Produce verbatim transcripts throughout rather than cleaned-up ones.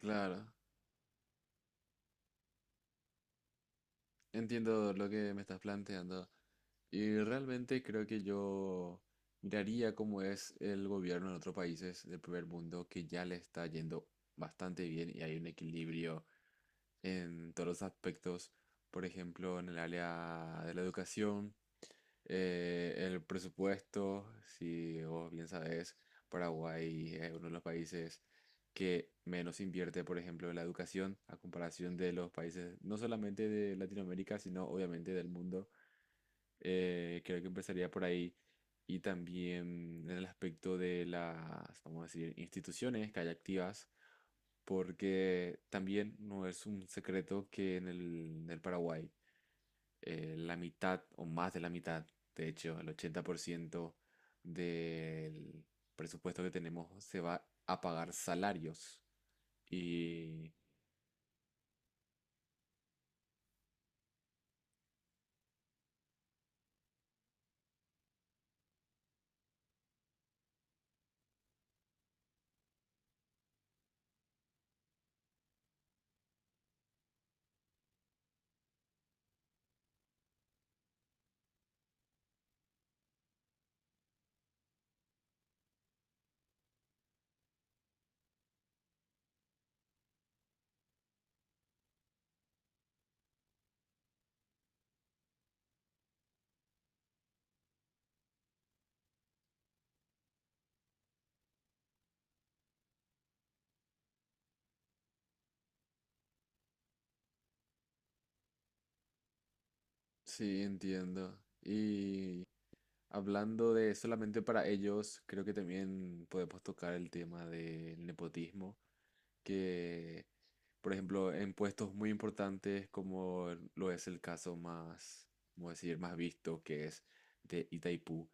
Claro, entiendo lo que me estás planteando. Y realmente creo que yo miraría cómo es el gobierno en otros países del primer mundo que ya le está yendo bastante bien y hay un equilibrio en todos los aspectos. Por ejemplo, en el área de la educación. Eh, el presupuesto, si vos bien sabés, Paraguay es uno de los países que menos invierte, por ejemplo, en la educación a comparación de los países no solamente de Latinoamérica, sino obviamente del mundo. Eh, creo que empezaría por ahí. Y también en el aspecto de las, vamos a decir, instituciones que hay activas, porque también no es un secreto que en el, en el Paraguay eh, la mitad o más de la mitad, de hecho, el ochenta por ciento del presupuesto que tenemos se va a pagar salarios. Y sí, entiendo. Y hablando de solamente para ellos, creo que también podemos tocar el tema del nepotismo, que, por ejemplo, en puestos muy importantes como lo es el caso más, ¿cómo decir?, más visto, que es de Itaipú.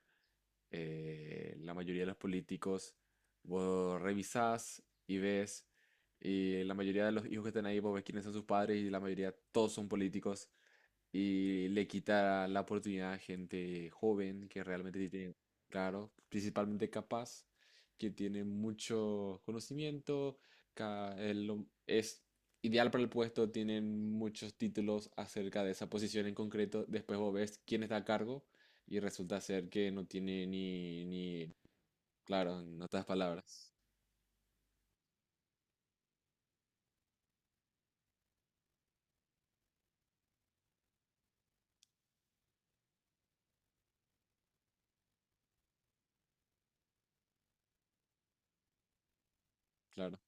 eh, La mayoría de los políticos, vos revisás y ves, y la mayoría de los hijos que están ahí, vos ves quiénes son sus padres y la mayoría todos son políticos, y le quita la oportunidad a gente joven que realmente sí tiene, claro, principalmente capaz, que tiene mucho conocimiento, ca- el lo- es ideal para el puesto, tienen muchos títulos acerca de esa posición en concreto, después vos ves quién está a cargo y resulta ser que no tiene ni, ni, claro, en otras palabras, claro.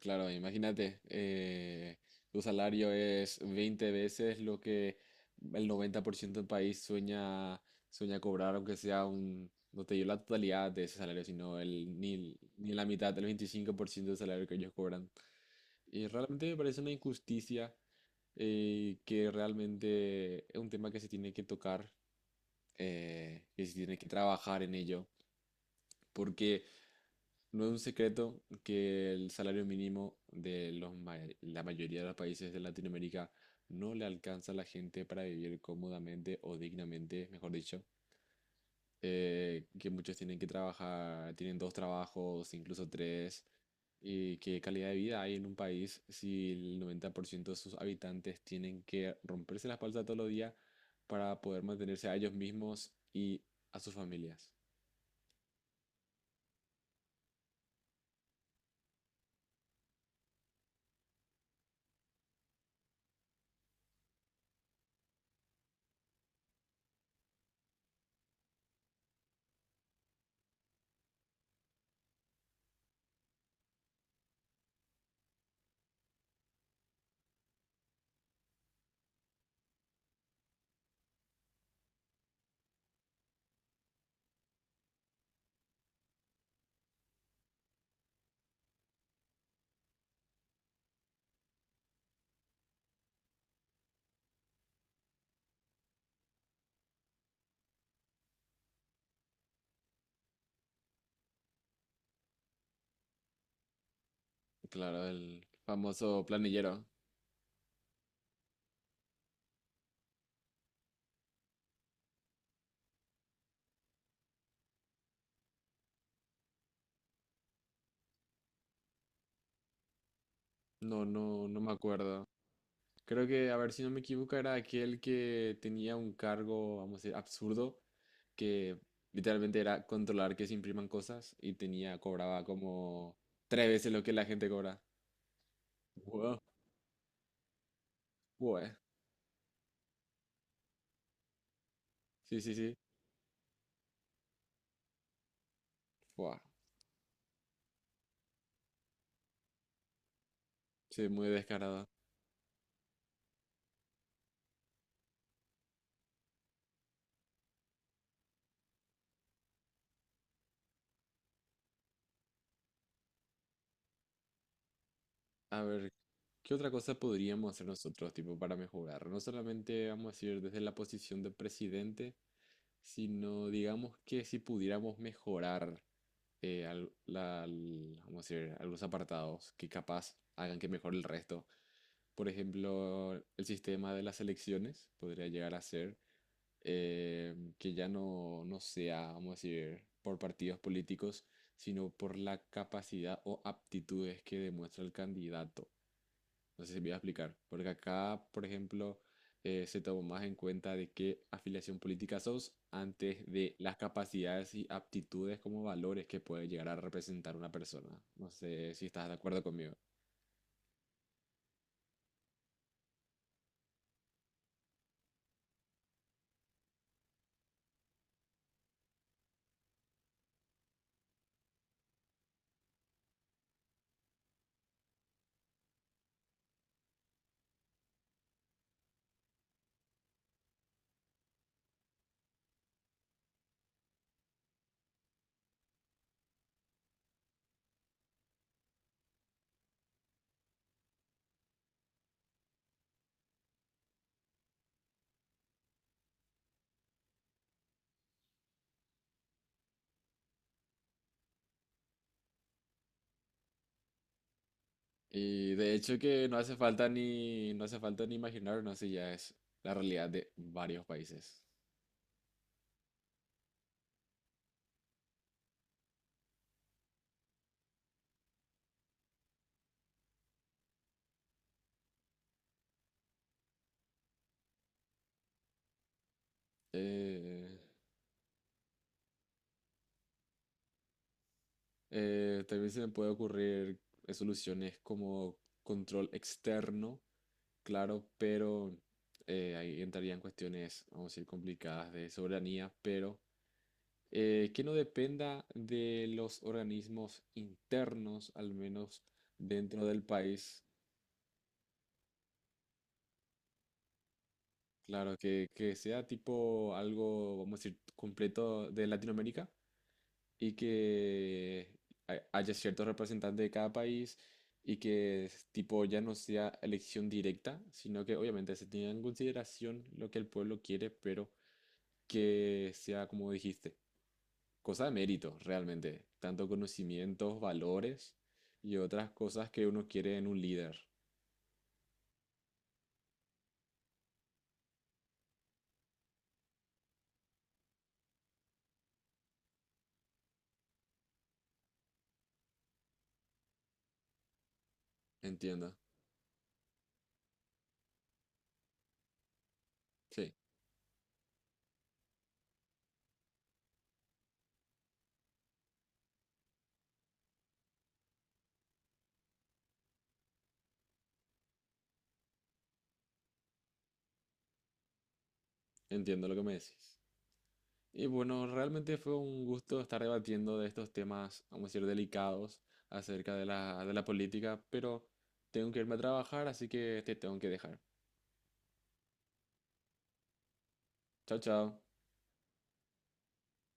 Claro, imagínate, eh, tu salario es veinte veces lo que el noventa por ciento del país sueña, sueña cobrar, aunque sea un, no te digo la totalidad de ese salario, sino el, ni, ni la mitad, el veinticinco por ciento del salario que ellos cobran. Y realmente me parece una injusticia. Eh, que realmente es un tema que se tiene que tocar, eh, que se tiene que trabajar en ello, porque no es un secreto que el salario mínimo de los ma- la mayoría de los países de Latinoamérica no le alcanza a la gente para vivir cómodamente o dignamente, mejor dicho. Eh, que muchos tienen que trabajar, tienen dos trabajos, incluso tres. ¿Y qué calidad de vida hay en un país si el noventa por ciento de sus habitantes tienen que romperse la espalda todos los días para poder mantenerse a ellos mismos y a sus familias? Claro, el famoso planillero. No, no, no me acuerdo. Creo que, a ver si no me equivoco, era aquel que tenía un cargo, vamos a decir, absurdo, que literalmente era controlar que se impriman cosas y tenía, cobraba como tres veces lo que la gente cobra. Wow. Buah. Sí, sí, sí. Buah. Sí, muy descarado. A ver, ¿qué otra cosa podríamos hacer nosotros, tipo, para mejorar? No solamente, vamos a decir, desde la posición de presidente, sino digamos que si pudiéramos mejorar eh, al- la- al- vamos a decir, algunos apartados que capaz hagan que mejore el resto. Por ejemplo, el sistema de las elecciones podría llegar a ser, eh, que ya no, no sea, vamos a decir, por partidos políticos, sino por la capacidad o aptitudes que demuestra el candidato. No sé si me voy a explicar. Porque acá, por ejemplo, eh, se tomó más en cuenta de qué afiliación política sos antes de las capacidades y aptitudes como valores que puede llegar a representar una persona. No sé si estás de acuerdo conmigo. Y de hecho que no hace falta ni, no hace falta ni imaginar, no sé, ya es la realidad de varios países. Eh, eh, también se me puede ocurrir soluciones como control externo. Claro, pero eh, ahí entrarían cuestiones, vamos a decir, complicadas de soberanía, pero eh, que no dependa de los organismos internos, al menos dentro del país. Claro, que que sea tipo algo, vamos a decir, completo de Latinoamérica y que hay- haya ciertos representantes de cada país y que es tipo ya no sea elección directa, sino que obviamente se tenga en consideración lo que el pueblo quiere, pero que sea, como dijiste, cosa de mérito realmente, tanto conocimientos, valores y otras cosas que uno quiere en un líder. Entiendo, sí, entiendo lo que me decís. Y bueno, realmente fue un gusto estar debatiendo de estos temas, vamos a decir, delicados acerca de la, de la política, pero tengo que irme a trabajar, así que te tengo que dejar. Chao, chao.